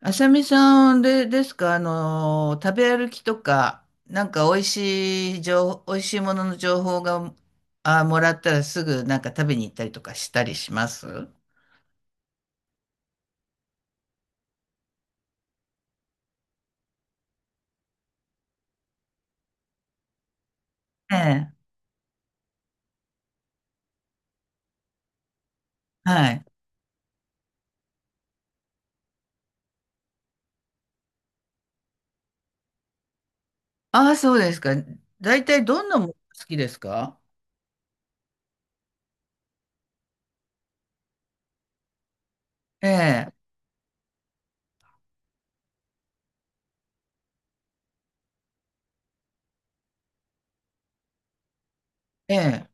あさみさんで、ですか、食べ歩きとか、美味しいものの情報が、あ、もらったらすぐなんか食べに行ったりとかしたりします。ええ。はい。ああ、そうですか。大体どんなもの好きですか？ええ、ええ、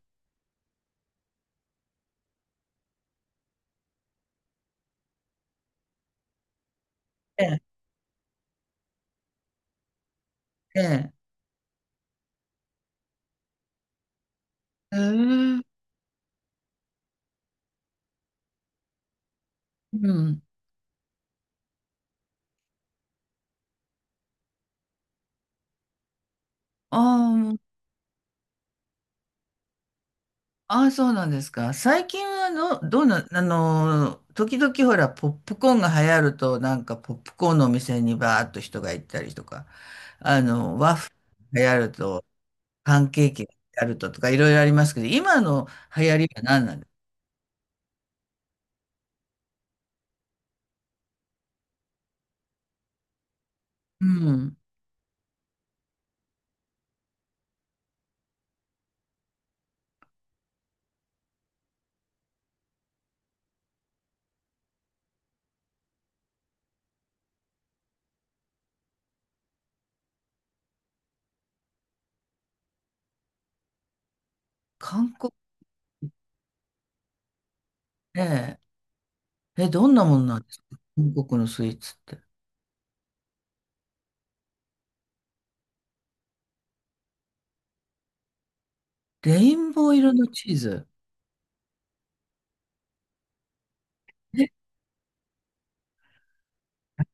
ええ、ええ。ええ。うん。ああ、ああ、そうなんですか。最近はの、どうな、時々ほら、ポップコーンが流行ると、なんかポップコーンのお店にバーっと人が行ったりとか、あの、ワッフルが流行ると、パンケーキが流行るととか、いろいろありますけど、今の流行りは何なんですか？うん。韓国。ね。え、どんなものなんですか？韓国のスイーツって。レインボー色のチーズ。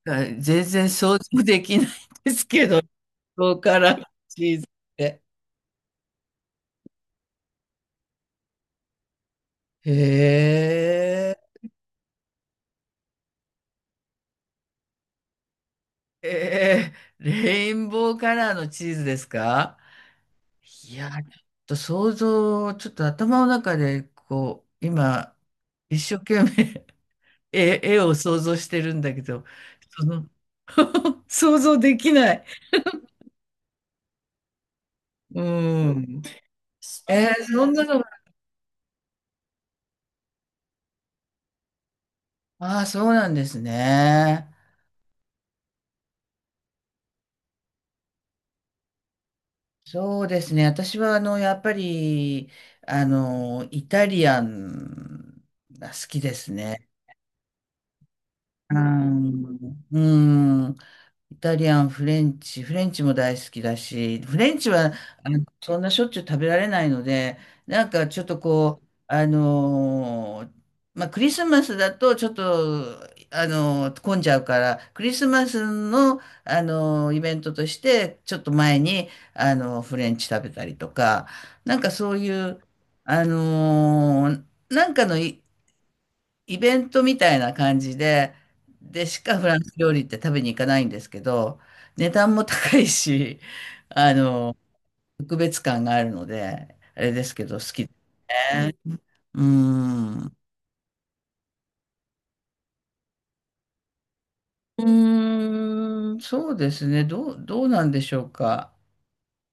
え、全然想像できないんですけど、ここからチーズって。へえ、えー、レインボーカラーのチーズですか？いや、ちょっと想像、ちょっと頭の中で、こう、今、一生懸命 絵、絵を想像してるんだけど、その 想像できない。うん。えー、そんなのが、ああ、そうなんですね。そうですね。私は、あの、やっぱり、あの、イタリアンが好きですね。うーうん。イタリアン、フレンチ、フレンチも大好きだし、フレンチはあのそんなしょっちゅう食べられないので、なんかちょっとこう、まあ、クリスマスだとちょっと、あのー混んじゃうから、クリスマスの、あのーイベントとして、ちょっと前に、あのーフレンチ食べたりとか、なんかそういう、あのーなんかのいイベントみたいな感じで、でしかフランス料理って食べに行かないんですけど、値段も高いし、あの、特別感があるので、あれですけど、好きでね。うん。うん、そうですね。どう、どうなんでしょうか。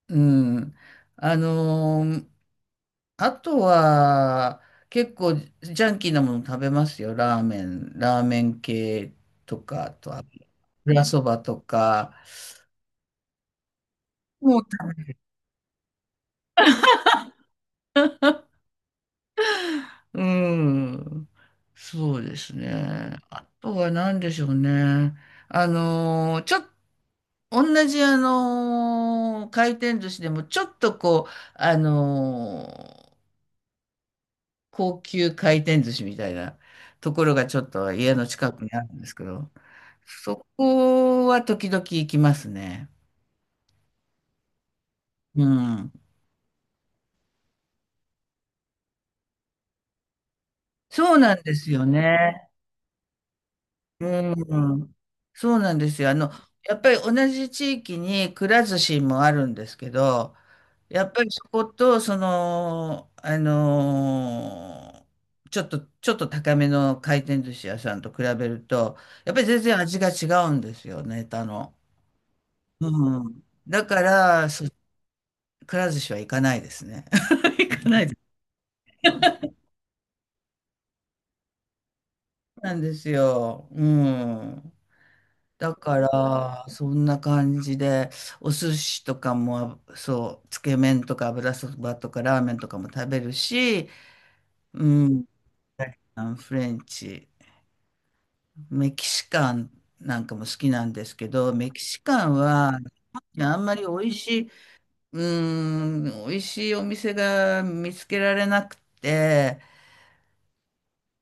うん。あのーあとは、結構ジャンキーなもの食べますよ。ラーメン、ラーメン系とか、あとは、油そばとか。もう。うん。そうですね。あとは何でしょうね。あのーちょっと、同じあのー回転寿司でも、ちょっとこう、あのー高級回転寿司みたいなところがちょっと家の近くにあるんですけど、そこは時々行きますね。うん。そうなんですよね。うん、そうなんですよ。あの、やっぱり同じ地域にくら寿司もあるんですけど、やっぱりそこと、その、あのーちょっと、ちょっと高めの回転寿司屋さんと比べると、やっぱり全然味が違うんですよ、ネタの。うん。だから、そ、くら寿司は行かないですね。行かないです。なんですよ。うん。だから、そんな感じで、お寿司とかも、そう、つけ麺とか油そばとかラーメンとかも食べるし、うん、イタリアンフレンチ、メキシカンなんかも好きなんですけど、メキシカンは、いやあんまり美味しい、うん、美味しいお店が見つけられなくて、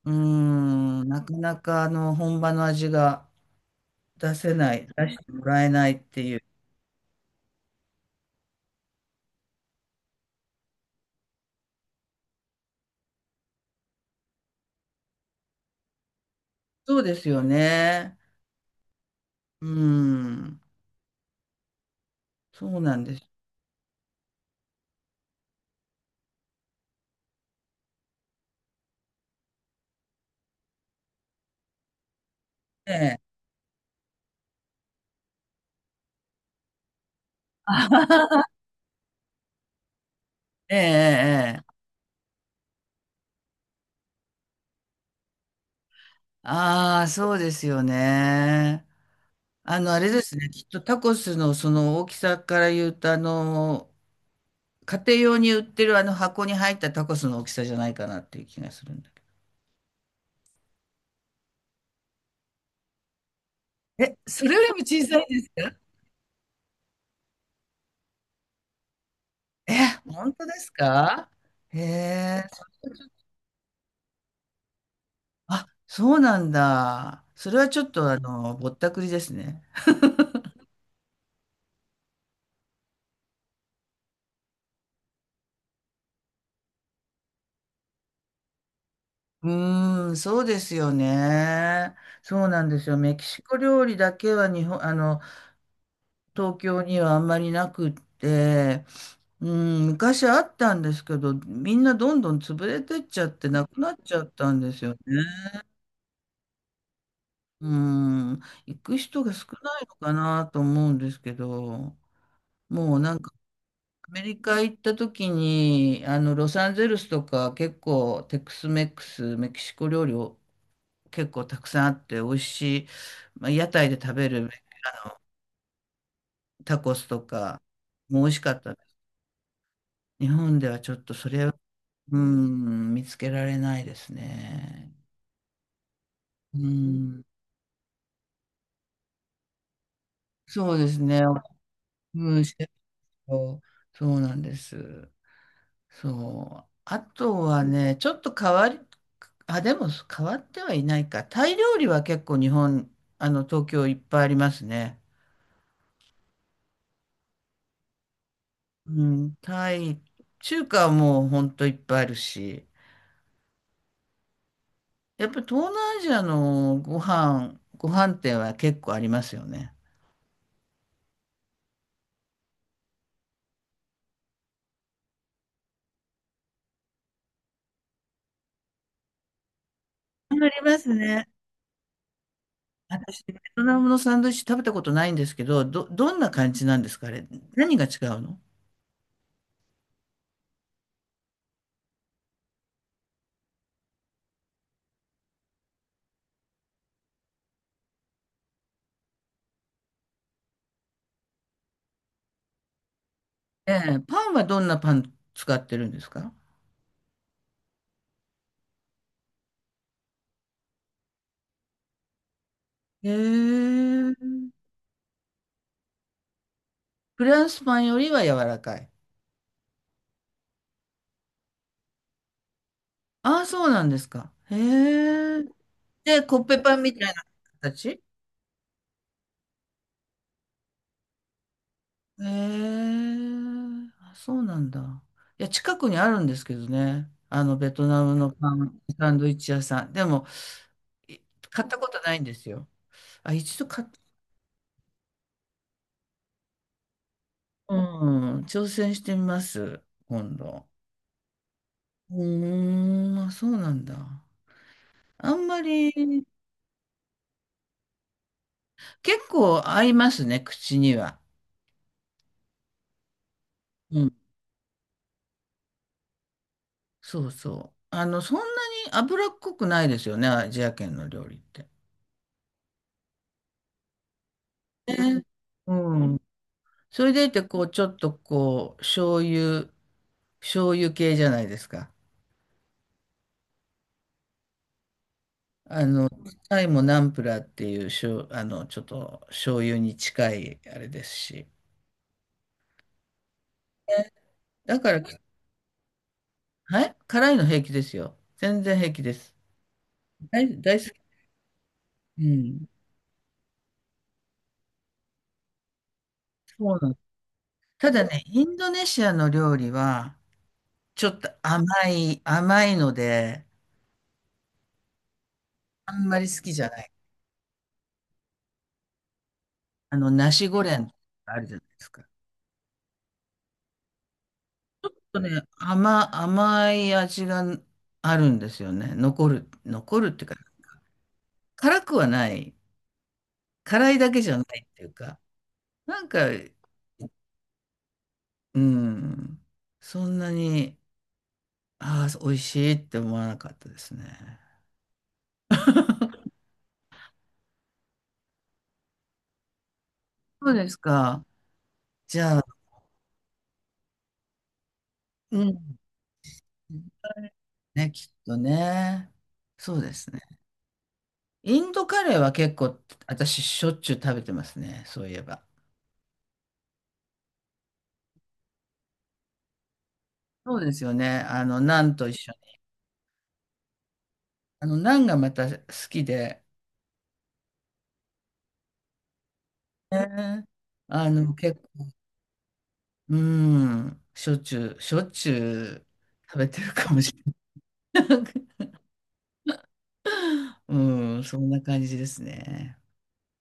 うん、なかなかあの、本場の味が出せない、出してもらえないっていう。そうですよね。うーん、そうなんですね。ええ、ええ、ああ、そうですよね。あの、あれですね、きっとタコスのその大きさから言うと、あの、家庭用に売ってるあの箱に入ったタコスの大きさじゃないかなっていう気がするんだけど。え、それよりも小さいですか？え、本当ですか？へえ、あ、そうなんだ。それはちょっとあの、ぼったくりですね。うーん、そうですよね。そうなんですよ。メキシコ料理だけは日本、あの、東京にはあんまりなくって、うん、昔あったんですけど、みんなどんどん潰れてっちゃってなくなっちゃったんですよね。うん、行く人が少ないのかなと思うんですけど、もうなんかアメリカ行った時に、あの、ロサンゼルスとか結構テックスメックス、メキシコ料理結構たくさんあって美味しい、まあ、屋台で食べるタコスとかも美味しかったです。日本ではちょっとそれは、うん、見つけられないですね。うん、そうですね。うん、シェフと。そうなんです。そう。あとはね、ちょっと変わり、あ、でも変わってはいないか。タイ料理は結構日本、あの、東京いっぱいありますね。うん、タイ、中華はもうほんといっぱいあるし。やっぱり東南アジアのご飯、ご飯店は結構ありますよね。ありますね。私、ベトナムのサンドイッチ食べたことないんですけど、ど、どんな感じなんですかあれ。何が違うの？ええ、パンはどんなパン使ってるんですか？へえ。フランスパンよりは柔らかい。ああ、そうなんですか。へえ。で、コッペパンみたいな形。ええあ、そうなんだ。いや、近くにあるんですけどね。あの、ベトナムのパン、サンドイッチ屋さん。でも、い買ったことないんですよ。あ、一度買っ、うん、挑戦してみます、今度。うーん、あ、そうなんだ。あんまり、結構合いますね、口には。うん、そうそう。あの、そんなに脂っこくないですよね、アジア圏の料理って。ね。うん。それでいて、こう、ちょっとこう、醤油、醤油系じゃないですか。あの、タイもナンプラーっていう、しょう、あの、ちょっと醤油に近いあれですし。ね。だから、はい、辛いの平気ですよ。全然平気です。大、大好き。うん。そうなんです。ただね、インドネシアの料理は、ちょっと甘い、甘いので、あんまり好きじゃない。あの、ナシゴレンあるじゃないですか。とね、甘、甘い味があるんですよね。残る、残るっていうか、辛くはない。辛いだけじゃないっていうか、なんか、うん、そんなに、ああ、美味しいって思わなかったですね。そうですか。じゃあ、うん。ね、きっとね。そうですね。インドカレーは結構、私、しょっちゅう食べてますね。そういえば。そうですよね。あの、ナンと一緒に。あの、ナンがまた好きで、ね。あの、結構、うん、しょっちゅう、しょっちゅう食べてるかもしれない。うん、そんな感じですね。